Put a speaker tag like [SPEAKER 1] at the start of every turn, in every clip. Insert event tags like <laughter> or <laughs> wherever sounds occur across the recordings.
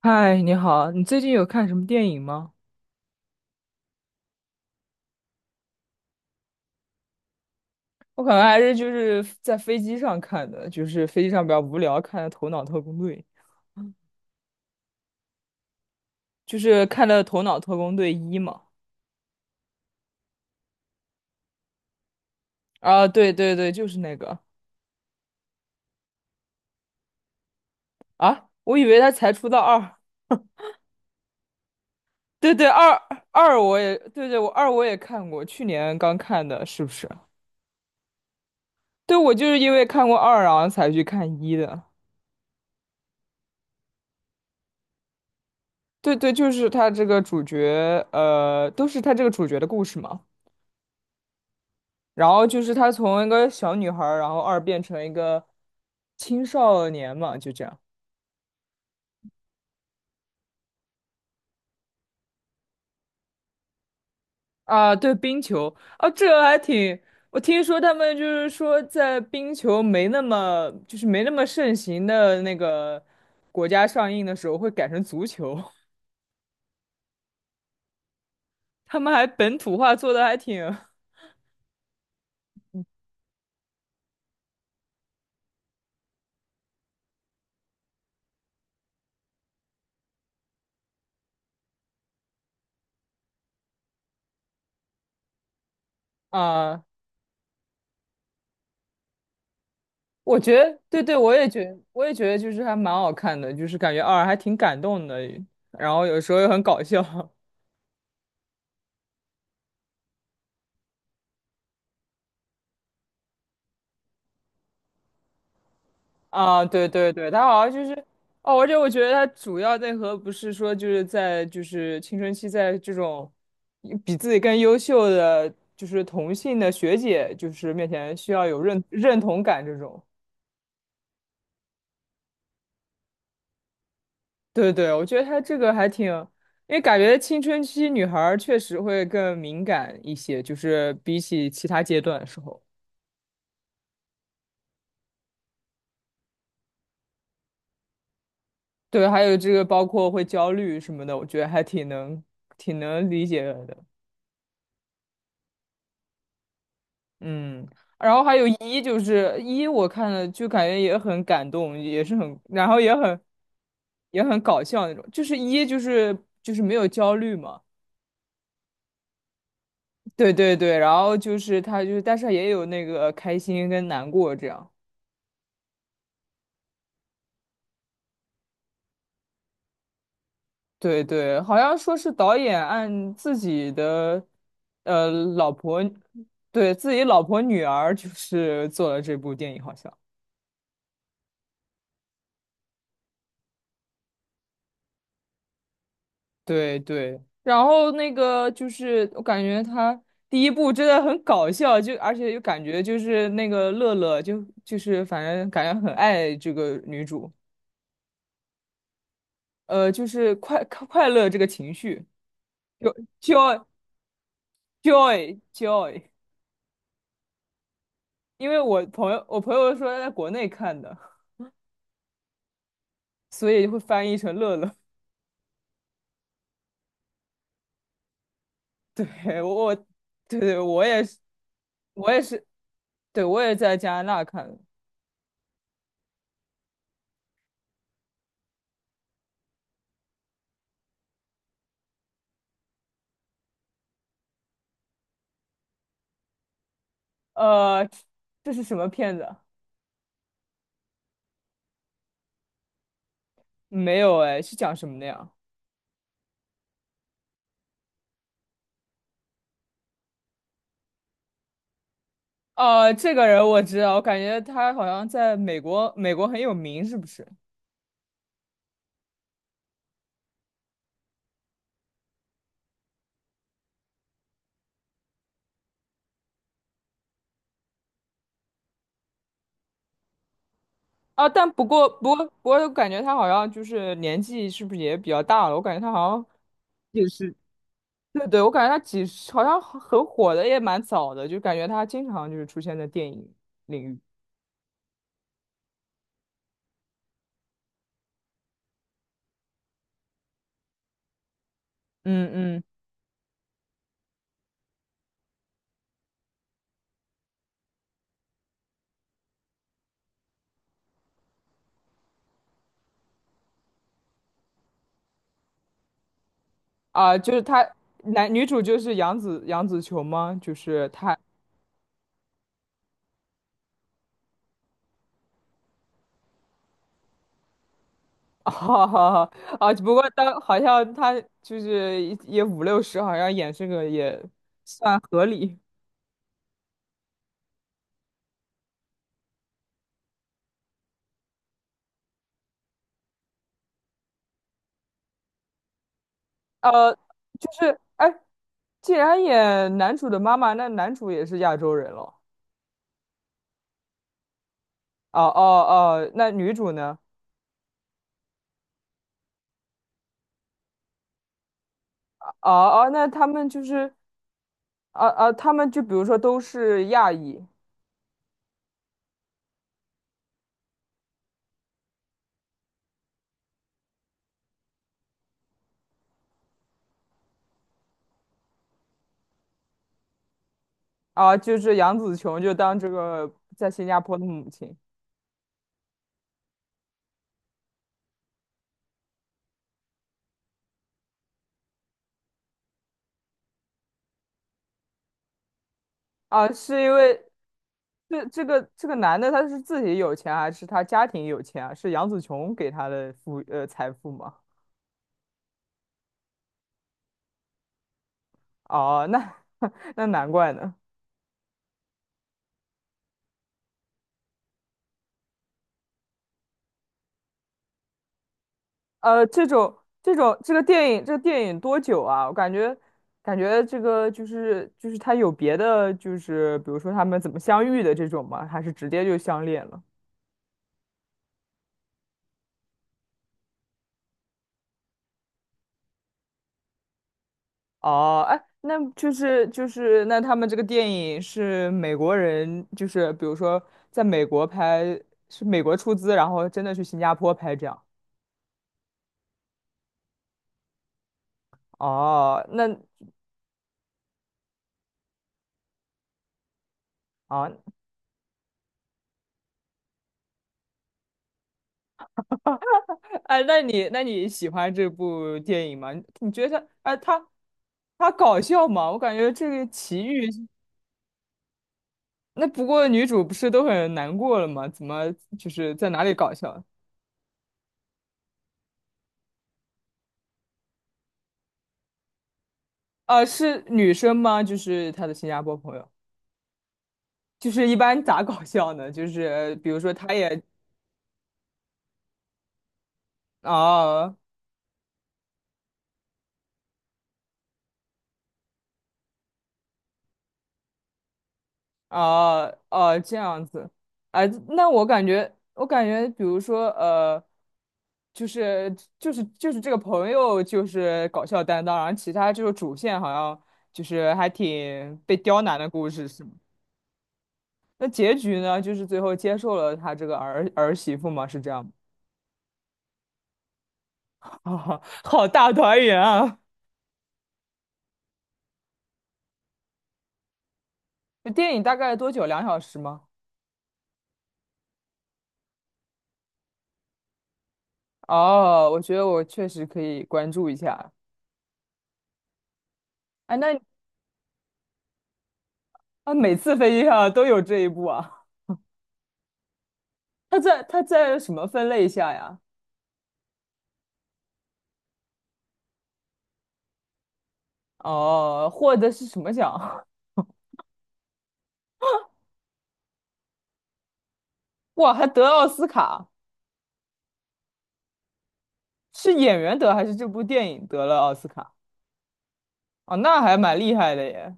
[SPEAKER 1] 嗨，你好，你最近有看什么电影吗？我可能还是就是在飞机上看的，就是飞机上比较无聊，看的《头脑特工队》，就是看的《头脑特工队一》嘛。啊，对对对，就是那个。啊，我以为他才出到二。对对，二我也，对对，我也看过，去年刚看的，是不是？对，我就是因为看过二，然后才去看一的。对对，就是他这个主角，都是他这个主角的故事嘛。然后就是她从一个小女孩儿，然后二变成一个青少年嘛，就这样。啊，对，冰球啊，这个还挺。我听说他们就是说在冰球没那么就是没那么盛行的那个国家上映的时候，会改成足球。<laughs> 他们还本土化做的还挺。啊，我觉得对对，我也觉得就是还蛮好看的，就是感觉二还挺感动的，然后有时候又很搞笑。啊，对对对，他好像就是。哦，而且我觉得他主要内核不是说就是在青春期，在这种比自己更优秀的就是同性的学姐就是面前需要有认同感这种。对对，我觉得他这个还挺。因为感觉青春期女孩儿确实会更敏感一些，就是比起其他阶段的时候。对，还有这个包括会焦虑什么的，我觉得还挺能理解的。嗯，然后还有一，就是一，我看了就感觉也很感动，也是很，然后也很搞笑那种。就是一，就是没有焦虑嘛。对对对，然后就是他就是，但是也有那个开心跟难过这样。对对，好像说是导演按自己的呃老婆，对自己老婆女儿就是做了这部电影，好像。对对，然后那个就是我感觉他第一部真的很搞笑，就而且又感觉就是那个乐乐就是反正感觉很爱这个女主。就是快乐这个情绪，joy joy joy。因为我朋友说他在国内看的，所以会翻译成乐乐。<laughs> 对，我对对，我也是，我也是，对，我也在加拿大看的。呃，这是什么片子啊？没有哎，是讲什么的呀？哦，这个人我知道，我感觉他好像在美国，美国很有名，是不是？啊，但不过，我感觉他好像就是年纪是不是也比较大了？我感觉他好像也是。对对，我感觉他几十好像很火的也蛮早的，就感觉他经常就是出现在电影领域。嗯嗯。啊，就是他男女主就是杨紫琼吗？就是他。<laughs> 好好好。啊！只不过当好像他就是也五六十，好像演这个也算合理。呃，就是哎，既然演男主的妈妈，那男主也是亚洲人了。哦哦哦，那女主呢？哦哦，那他们就是。啊啊，他们就比如说都是亚裔。啊，就是杨紫琼就当这个在新加坡的母亲。啊，是因为，这个男的他是自己有钱还是他家庭有钱啊？是杨紫琼给他的富，财富吗？哦，那 <laughs> 那难怪呢。呃，这种这种这个电影多久啊？我感觉这个就是他有别的就是比如说他们怎么相遇的这种吗？还是直接就相恋了？哦，哎，那就是那他们这个电影是美国人，就是比如说在美国拍，是美国出资，然后真的去新加坡拍这样。哦，那啊，哎，那你喜欢这部电影吗？你觉得哎，他搞笑吗？我感觉这个奇遇。那不过女主不是都很难过了吗？怎么就是在哪里搞笑？啊，是女生吗？就是她的新加坡朋友。就是一般咋搞笑呢？就是比如说他也。哦哦哦这样子。啊，那我感觉，比如说就是这个朋友就是搞笑担当，然后其他就是主线好像就是还挺被刁难的故事是吗？那结局呢？就是最后接受了他这个儿媳妇吗？是这样吗？<laughs> 啊好大团圆啊！<laughs> 那电影大概多久？2小时吗？哦，我觉得我确实可以关注一下。哎，那啊，每次飞机上都有这一步啊？<laughs> 他在什么分类下呀？哦，获得是什么奖？<laughs> 哇，还得奥斯卡。是演员得还是这部电影得了奥斯卡？哦，那还蛮厉害的耶。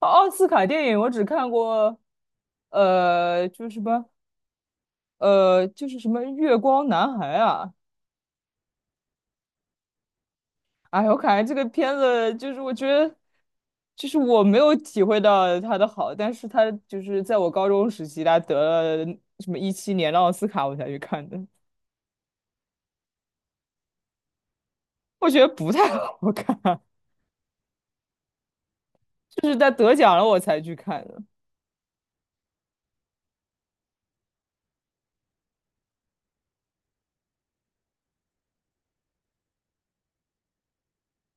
[SPEAKER 1] 哦，奥斯卡电影我只看过，呃，就是什么，呃，就是什么《月光男孩》啊。哎，我感觉这个片子就是我觉得，就是我没有体会到它的好，但是它就是在我高中时期，它得了什么2017年的奥斯卡，我才去看的。我觉得不太好看。<laughs> 就是它得奖了我才去看的。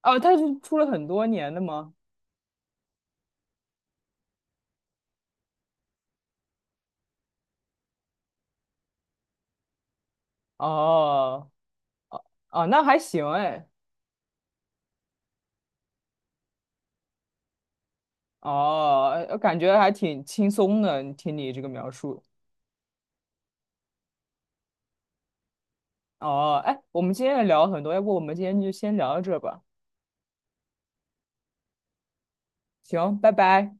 [SPEAKER 1] 哦，它是出了很多年的吗？哦。哦，那还行哎。哦，感觉还挺轻松的，听你这个描述。哦，哎，我们今天也聊了很多，要不我们今天就先聊到这吧？行，拜拜。